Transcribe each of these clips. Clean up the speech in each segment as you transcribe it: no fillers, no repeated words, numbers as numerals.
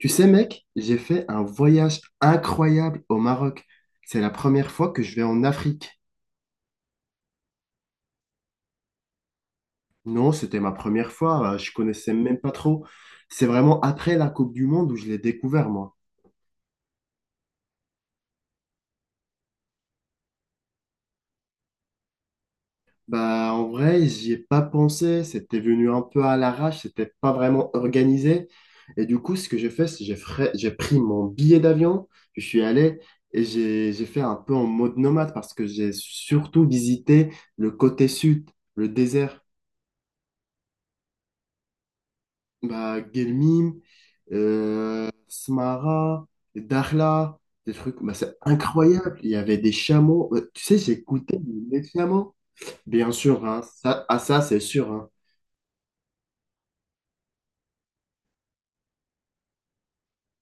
Tu sais, mec, j'ai fait un voyage incroyable au Maroc. C'est la première fois que je vais en Afrique. Non, c'était ma première fois, je connaissais même pas trop. C'est vraiment après la Coupe du Monde où je l'ai découvert, moi. Bah, en vrai, j'y ai pas pensé, c'était venu un peu à l'arrache, c'était pas vraiment organisé. Et du coup, ce que j'ai fait, c'est que j'ai pris mon billet d'avion, je suis allé et j'ai fait un peu en mode nomade parce que j'ai surtout visité le côté sud, le désert. Bah, Guelmim, Smara, Dakhla, des trucs, bah, c'est incroyable. Il y avait des chameaux. Tu sais, j'écoutais les chameaux. Bien sûr, hein, ça, ah, ça c'est sûr. Hein.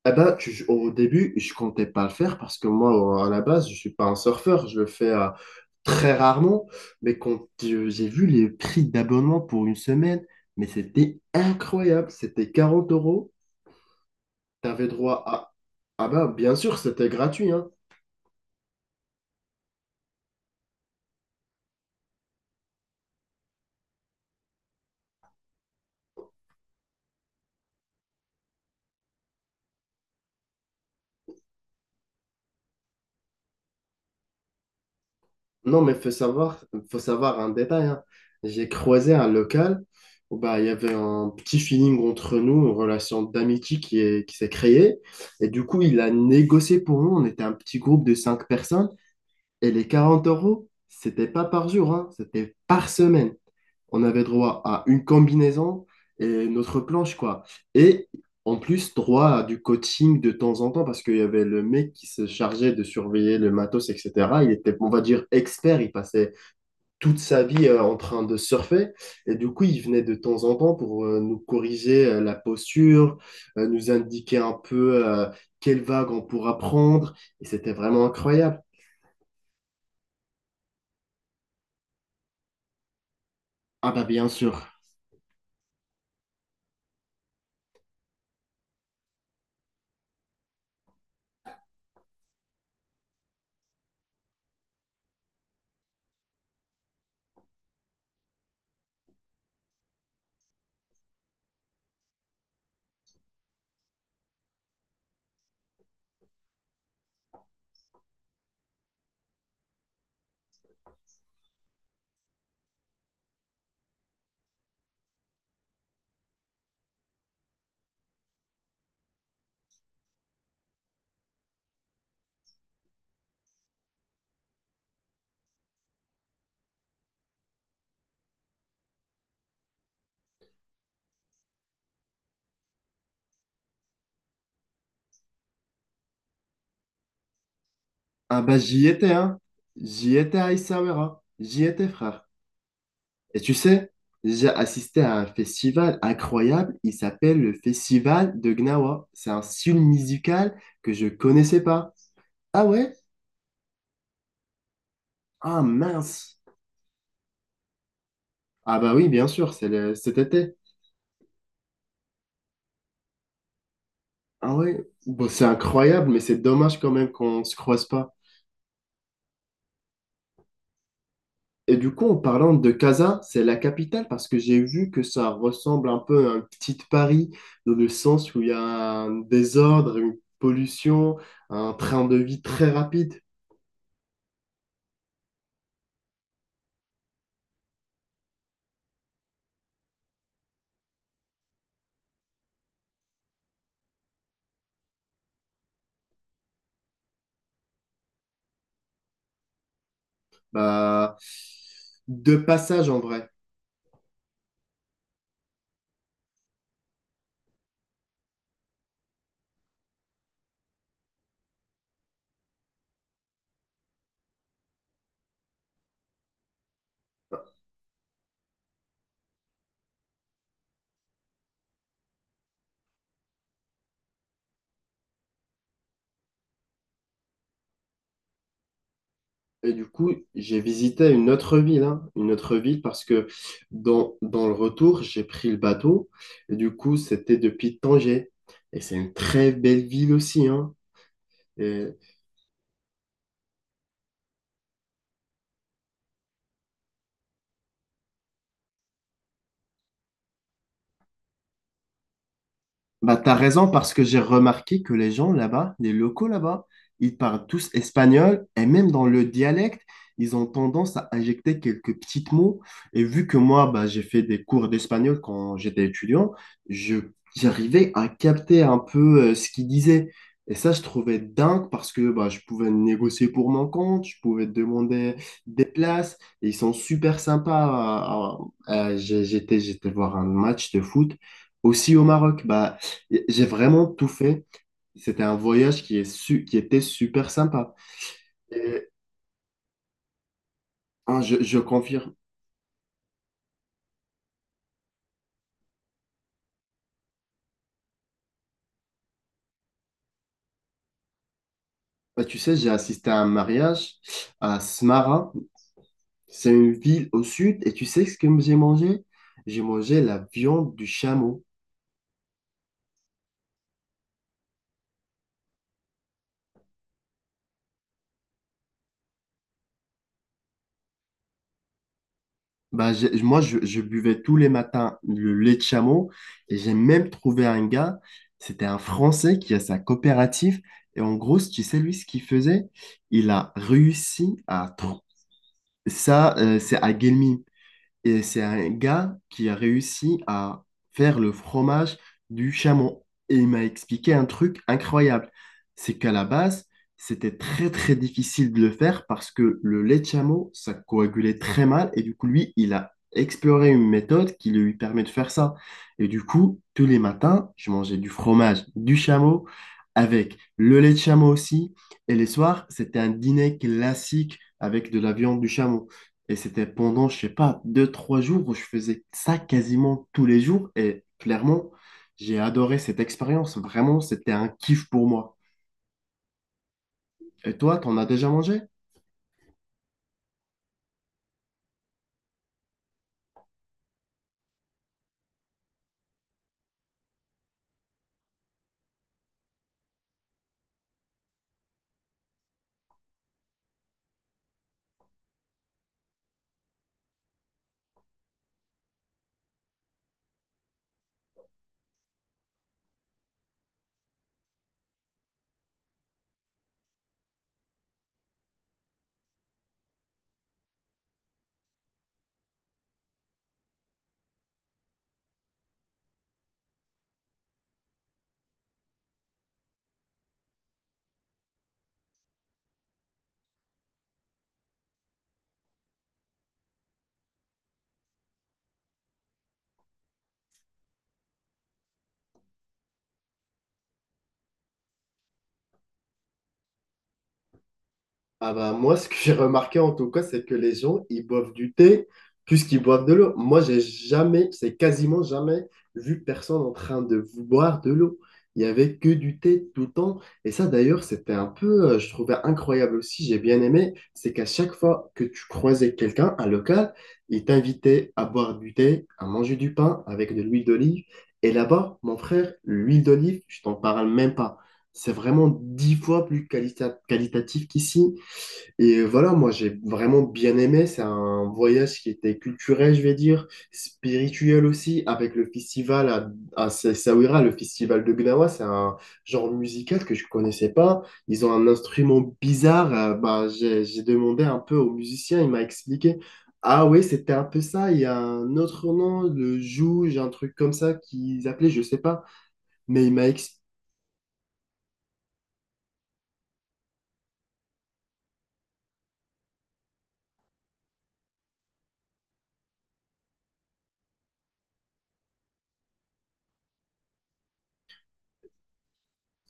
Eh ben, au début, je comptais pas le faire parce que moi, au- à la base, je suis pas un surfeur. Je le fais très rarement. Mais quand j'ai vu les prix d'abonnement pour une semaine, mais c'était incroyable. C'était quarante euros. Tu avais droit à… Ah ben, bien sûr, c'était gratuit, hein. Non, mais faut savoir un détail, hein. J'ai croisé un local où bah, il y avait un petit feeling entre nous, une relation d'amitié qui s'est créée. Et du coup, il a négocié pour nous. On était un petit groupe de cinq personnes. Et les 40 euros, c'était pas par jour, hein, c'était par semaine. On avait droit à une combinaison et notre planche, quoi. Et en plus, droit à du coaching de temps en temps, parce qu'il y avait le mec qui se chargeait de surveiller le matos, etc. Il était, on va dire, expert. Il passait toute sa vie en train de surfer. Et du coup, il venait de temps en temps pour nous corriger la posture, nous indiquer un peu quelle vague on pourra prendre. Et c'était vraiment incroyable. Ah bah bien sûr. Ah bah j'y étais, hein. J'y étais à Essaouira. J'y étais, frère. Et tu sais, j'ai assisté à un festival incroyable, il s'appelle le Festival de Gnawa. C'est un style musical que je connaissais pas. Ah ouais? Ah mince. Ah bah oui, bien sûr, c'est cet été. Ah ouais? Bon, c'est incroyable, mais c'est dommage quand même qu'on se croise pas. Et du coup, en parlant de Casa, c'est la capitale parce que j'ai vu que ça ressemble un peu à un petit Paris, dans le sens où il y a un désordre, une pollution, un train de vie très rapide. Bah, de passage en vrai. Et du coup, j'ai visité une autre ville, hein, une autre ville parce que dans le retour, j'ai pris le bateau. Et du coup, c'était depuis Tanger. Et c'est une très belle ville aussi, hein. Et bah, t'as raison parce que j'ai remarqué que les gens là-bas, les locaux là-bas, ils parlent tous espagnol et même dans le dialecte, ils ont tendance à injecter quelques petits mots. Et vu que moi, bah, j'ai fait des cours d'espagnol quand j'étais étudiant, je, j'arrivais à capter un peu ce qu'ils disaient. Et ça, je trouvais dingue parce que bah, je pouvais négocier pour mon compte, je pouvais demander des places et ils sont super sympas. J'étais voir un match de foot aussi au Maroc. Bah, j'ai vraiment tout fait. C'était un voyage qui était super sympa. Et, hein, je confirme. Bah, tu sais, j'ai assisté à un mariage à Smara. C'est une ville au sud. Et tu sais ce que j'ai mangé? J'ai mangé la viande du chameau. Bah, je buvais tous les matins le lait de chameau. Et j'ai même trouvé un gars. C'était un Français qui a sa coopérative. Et en gros, tu sais, lui, ce qu'il faisait, il a réussi à… Ça, c'est à Guelmim. Et c'est un gars qui a réussi à faire le fromage du chameau. Et il m'a expliqué un truc incroyable. C'est qu'à la base, c'était très très difficile de le faire parce que le lait de chameau, ça coagulait très mal. Et du coup, lui, il a exploré une méthode qui lui permet de faire ça. Et du coup, tous les matins, je mangeais du fromage du chameau avec le lait de chameau aussi. Et les soirs, c'était un dîner classique avec de la viande du chameau. Et c'était pendant, je sais pas, 2, 3 jours où je faisais ça quasiment tous les jours. Et clairement, j'ai adoré cette expérience. Vraiment, c'était un kiff pour moi. Et toi, t'en as déjà mangé? Ah bah moi, ce que j'ai remarqué en tout cas, c'est que les gens, ils boivent du thé plus qu'ils boivent de l'eau. Moi, j'ai jamais, c'est quasiment jamais vu personne en train de vous boire de l'eau. Il n'y avait que du thé tout le temps. Et ça, d'ailleurs, c'était un peu, je trouvais incroyable aussi, j'ai bien aimé, c'est qu'à chaque fois que tu croisais quelqu'un, un local, il t'invitait à boire du thé, à manger du pain avec de l'huile d'olive. Et là-bas, mon frère, l'huile d'olive, je t'en parle même pas. C'est vraiment 10 fois plus qualitatif qu'ici. Et voilà, moi j'ai vraiment bien aimé. C'est un voyage qui était culturel, je vais dire, spirituel aussi, avec le festival à Sessaouira, le festival de Gnawa. C'est un genre musical que je connaissais pas. Ils ont un instrument bizarre. J'ai demandé un peu au musicien, il m'a expliqué. Ah oui, c'était un peu ça. Il y a un autre nom, le jouge, un truc comme ça qu'ils appelaient, je sais pas. Mais il m'a expliqué.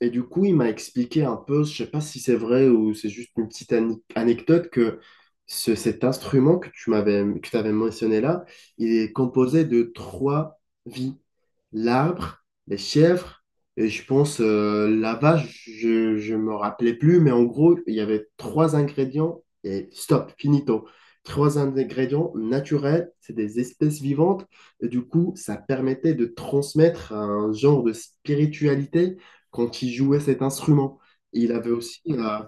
Et du coup, il m'a expliqué un peu, je sais pas si c'est vrai ou c'est juste une petite anecdote, que cet instrument que t'avais mentionné là, il est composé de trois vies. L'arbre, les chèvres, et je pense la vache, je me rappelais plus, mais en gros, il y avait trois ingrédients et stop, finito. Trois ingrédients naturels, c'est des espèces vivantes, et du coup, ça permettait de transmettre un genre de spiritualité quand il jouait cet instrument. Et il avait aussi,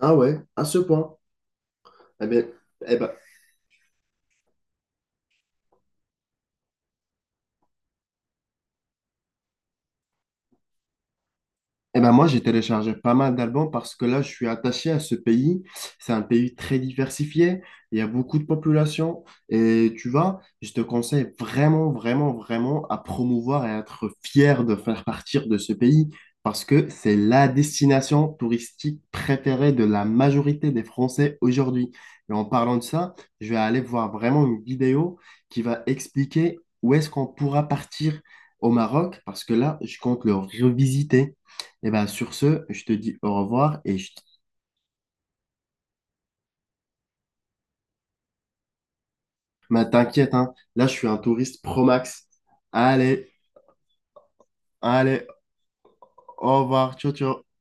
ah ouais, à ce point. Eh ben, eh ben, Eh ben moi, j'ai téléchargé pas mal d'albums parce que là, je suis attaché à ce pays. C'est un pays très diversifié. Il y a beaucoup de population. Et tu vois, je te conseille vraiment, vraiment, vraiment à promouvoir et à être fier de faire partir de ce pays parce que c'est la destination touristique préférée de la majorité des Français aujourd'hui. Et en parlant de ça, je vais aller voir vraiment une vidéo qui va expliquer où est-ce qu'on pourra partir au Maroc parce que là, je compte le revisiter. Et ben sur ce, je te dis au revoir et je… Mais t'inquiète, hein, là, je suis un touriste pro max. Allez, allez, au revoir, ciao, ciao.